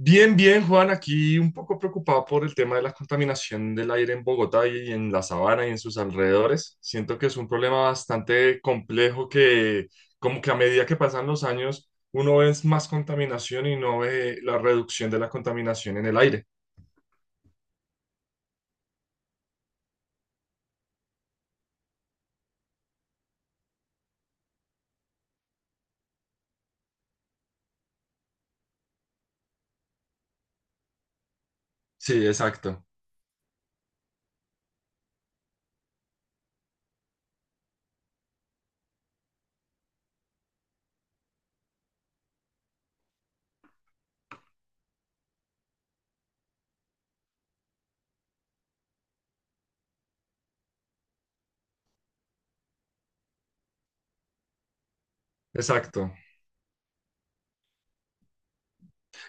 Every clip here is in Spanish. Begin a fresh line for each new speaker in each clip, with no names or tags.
Bien, bien, Juan, aquí un poco preocupado por el tema de la contaminación del aire en Bogotá y en la sabana y en sus alrededores. Siento que es un problema bastante complejo que como que a medida que pasan los años uno ve más contaminación y no ve la reducción de la contaminación en el aire. Sí, exacto, exacto.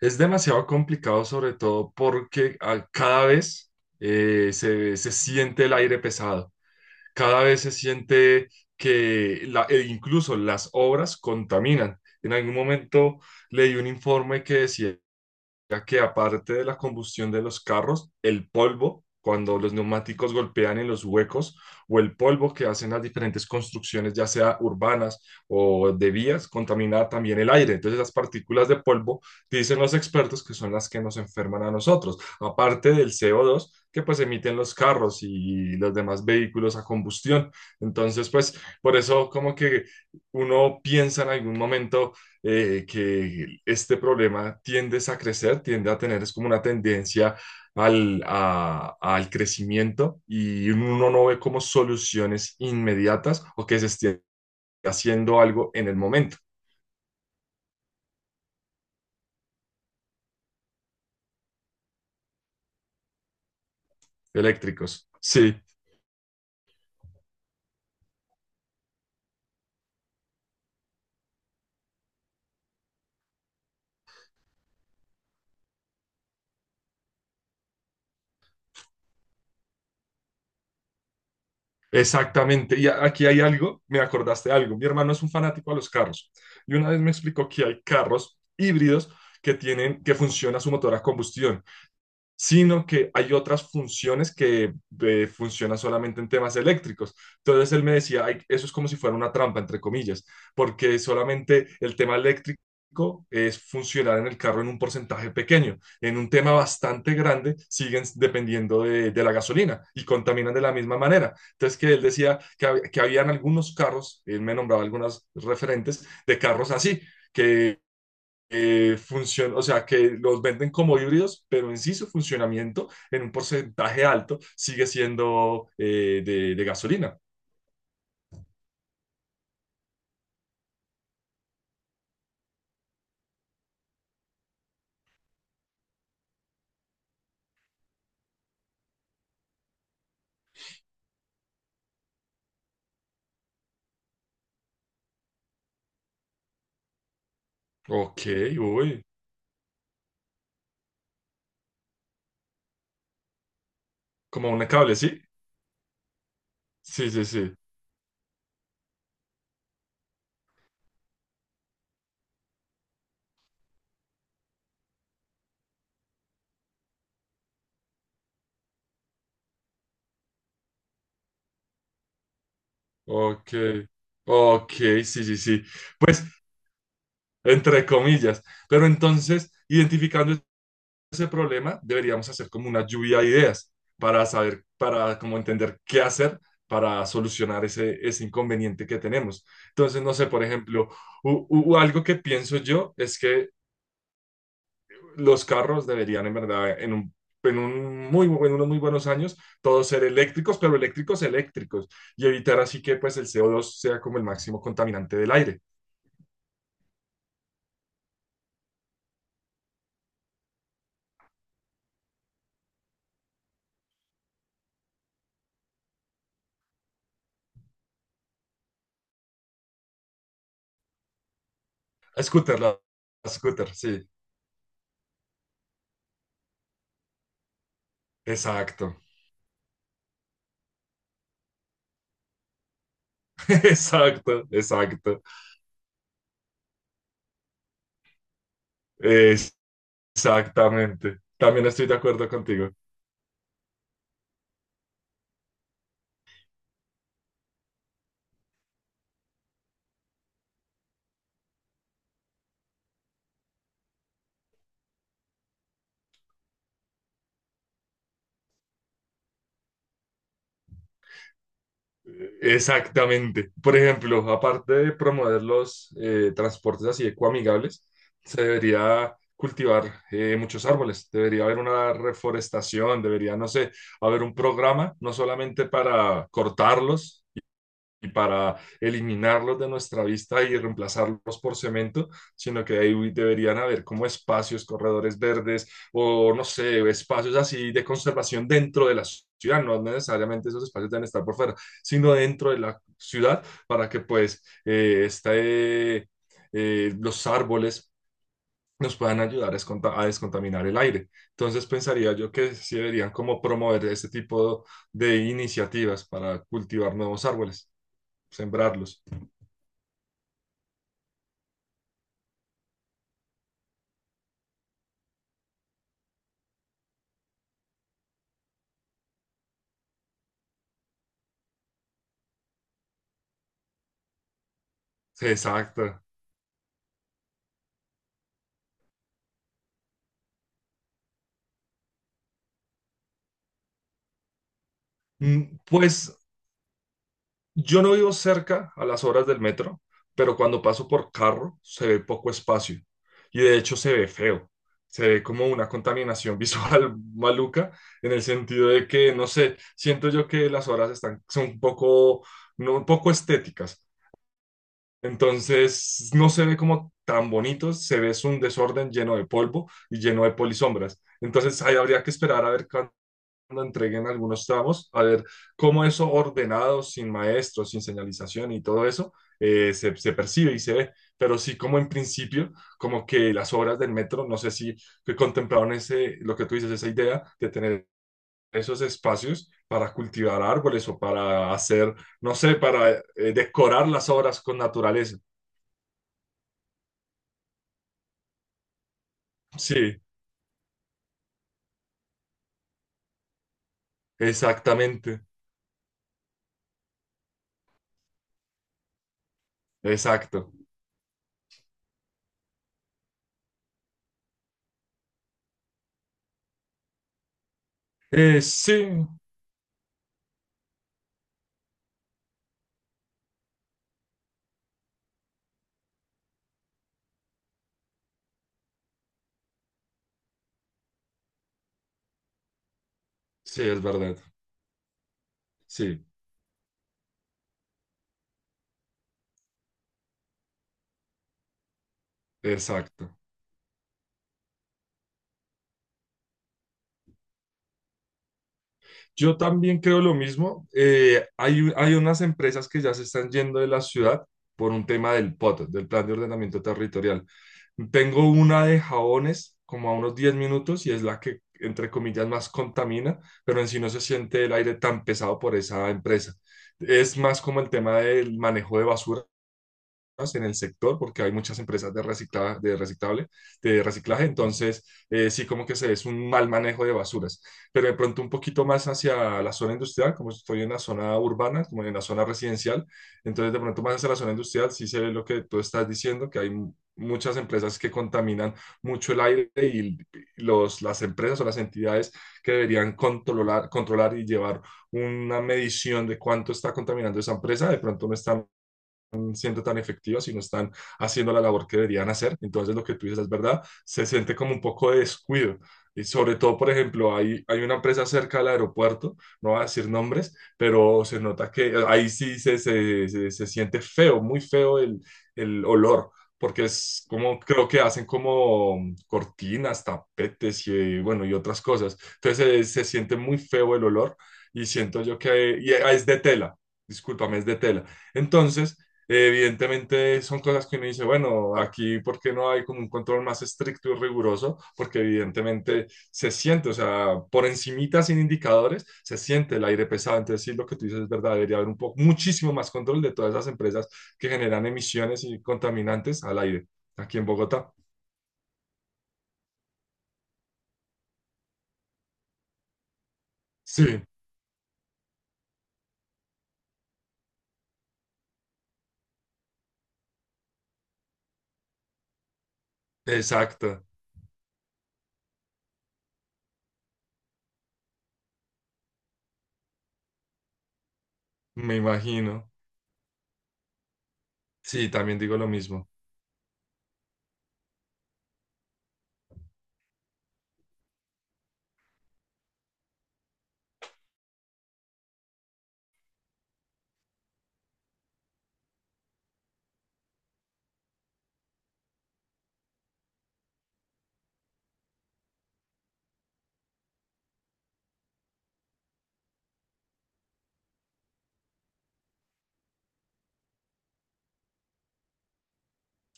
Es demasiado complicado sobre todo porque cada vez se siente el aire pesado. Cada vez se siente e incluso las obras contaminan. En algún momento leí un informe que decía ya que aparte de la combustión de los carros, el polvo, cuando los neumáticos golpean en los huecos, o el polvo que hacen las diferentes construcciones, ya sea urbanas o de vías, contamina también el aire. Entonces, las partículas de polvo, dicen los expertos, que son las que nos enferman a nosotros, aparte del CO2 que pues emiten los carros y los demás vehículos a combustión. Entonces, pues por eso como que uno piensa en algún momento que este problema tiende a crecer, tiende a tener, es como una tendencia al crecimiento y uno no ve como soluciones inmediatas o que se esté haciendo algo en el momento. Eléctricos. Sí, exactamente. Aquí hay algo, me acordaste de algo. Mi hermano es un fanático a los carros y una vez me explicó que hay carros híbridos que tienen, que funciona su motor a combustión, sino que hay otras funciones que funcionan solamente en temas eléctricos. Entonces él me decía: "Ay, eso es como si fuera una trampa, entre comillas, porque solamente el tema eléctrico es funcionar en el carro en un porcentaje pequeño. En un tema bastante grande siguen dependiendo de la gasolina y contaminan de la misma manera". Entonces, que él decía que que habían algunos carros, él me nombraba algunas referentes de carros así, que o sea, que los venden como híbridos, pero en sí su funcionamiento en un porcentaje alto sigue siendo de gasolina. Ok, uy, como un cable, ¿sí? Sí, sí, sí. Ok, ok, sí, sí, sí. Pues, entre comillas. Pero entonces, identificando ese problema, deberíamos hacer como una lluvia de ideas para saber, para como entender qué hacer para solucionar ese, ese inconveniente que tenemos. Entonces, no sé, por ejemplo, algo que pienso yo es que los carros deberían, en verdad, en unos muy buenos años, todos ser eléctricos, pero eléctricos eléctricos, y evitar así que pues el CO2 sea como el máximo contaminante del aire. Scooter, la scooter, sí. Exacto, exacto, exacto. Eh, Exactamente. También estoy de acuerdo contigo. Exactamente. Por ejemplo, aparte de promover los transportes así ecoamigables, se debería cultivar muchos árboles. Debería haber una reforestación, debería, no sé, haber un programa, no solamente para cortarlos, y para eliminarlos de nuestra vista y reemplazarlos por cemento, sino que ahí deberían haber como espacios, corredores verdes o no sé, espacios así de conservación dentro de la ciudad, no necesariamente esos espacios deben estar por fuera, sino dentro de la ciudad para que pues los árboles nos puedan ayudar a descontaminar el aire. Entonces pensaría yo que sí deberían como promover este tipo de iniciativas para cultivar nuevos árboles, sembrarlos. Exacto. Pues yo no vivo cerca a las horas del metro, pero cuando paso por carro se ve poco espacio y de hecho se ve feo. Se ve como una contaminación visual maluca en el sentido de que, no sé, siento yo que las horas están, son un poco, no, un poco estéticas. Entonces no se ve como tan bonito, se ve es un desorden lleno de polvo y lleno de polisombras. Entonces ahí habría que esperar a ver lo entreguen algunos tramos, a ver cómo eso ordenado, sin maestros, sin señalización y todo eso, se percibe y se ve. Pero sí, como en principio, como que las obras del metro, no sé si que contemplaron ese, lo que tú dices, esa idea de tener esos espacios para cultivar árboles o para hacer, no sé, para decorar las obras con naturaleza. Sí, exactamente, exacto. Sí, sí, es verdad, sí, exacto. Yo también creo lo mismo. Hay unas empresas que ya se están yendo de la ciudad por un tema del POT, del Plan de Ordenamiento Territorial. Tengo una de jabones como a unos 10 minutos y es la que, entre comillas, más contamina, pero en sí no se siente el aire tan pesado por esa empresa. Es más como el tema del manejo de basura en el sector porque hay muchas empresas de reciclaje, entonces sí como que se, es un mal manejo de basuras, pero de pronto un poquito más hacia la zona industrial, como estoy en la zona urbana, como en la zona residencial, entonces de pronto más hacia la zona industrial sí se ve lo que tú estás diciendo, que hay muchas empresas que contaminan mucho el aire y las empresas o las entidades que deberían controlar, controlar y llevar una medición de cuánto está contaminando esa empresa, de pronto no están siendo tan efectivas y no están haciendo la labor que deberían hacer. Entonces lo que tú dices es verdad, se siente como un poco de descuido. Y sobre todo, por ejemplo, hay una empresa cerca del aeropuerto, no voy a decir nombres, pero se nota que ahí sí se siente feo, muy feo el olor porque es como creo que hacen como cortinas, tapetes y bueno y otras cosas. Entonces se siente muy feo el olor y siento yo que y es de tela. Discúlpame, es de tela. Entonces, evidentemente son cosas que uno dice, bueno, aquí ¿por qué no hay como un control más estricto y riguroso? Porque evidentemente se siente, o sea, por encimita sin indicadores, se siente el aire pesado. Entonces sí, lo que tú dices es verdad, debería haber un poco, muchísimo más control de todas esas empresas que generan emisiones y contaminantes al aire aquí en Bogotá. Sí, exacto, me imagino. Sí, también digo lo mismo.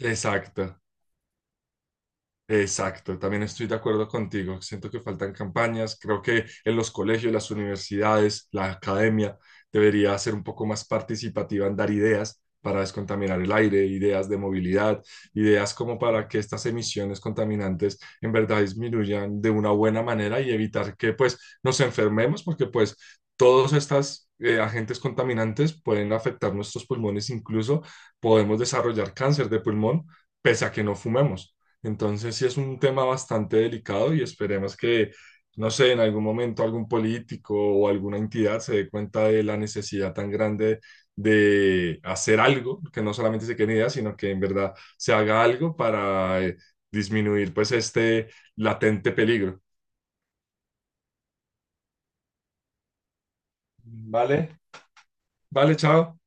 Exacto. Exacto, también estoy de acuerdo contigo. Siento que faltan campañas. Creo que en los colegios, las universidades, la academia debería ser un poco más participativa en dar ideas para descontaminar el aire, ideas de movilidad, ideas como para que estas emisiones contaminantes en verdad disminuyan de una buena manera y evitar que pues nos enfermemos, porque pues todos estos agentes contaminantes pueden afectar nuestros pulmones, incluso podemos desarrollar cáncer de pulmón pese a que no fumemos. Entonces sí es un tema bastante delicado y esperemos que, no sé, en algún momento algún político o alguna entidad se dé cuenta de la necesidad tan grande de hacer algo, que no solamente se queden ideas, sino que en verdad se haga algo para disminuir pues este latente peligro. Vale, vale, chao.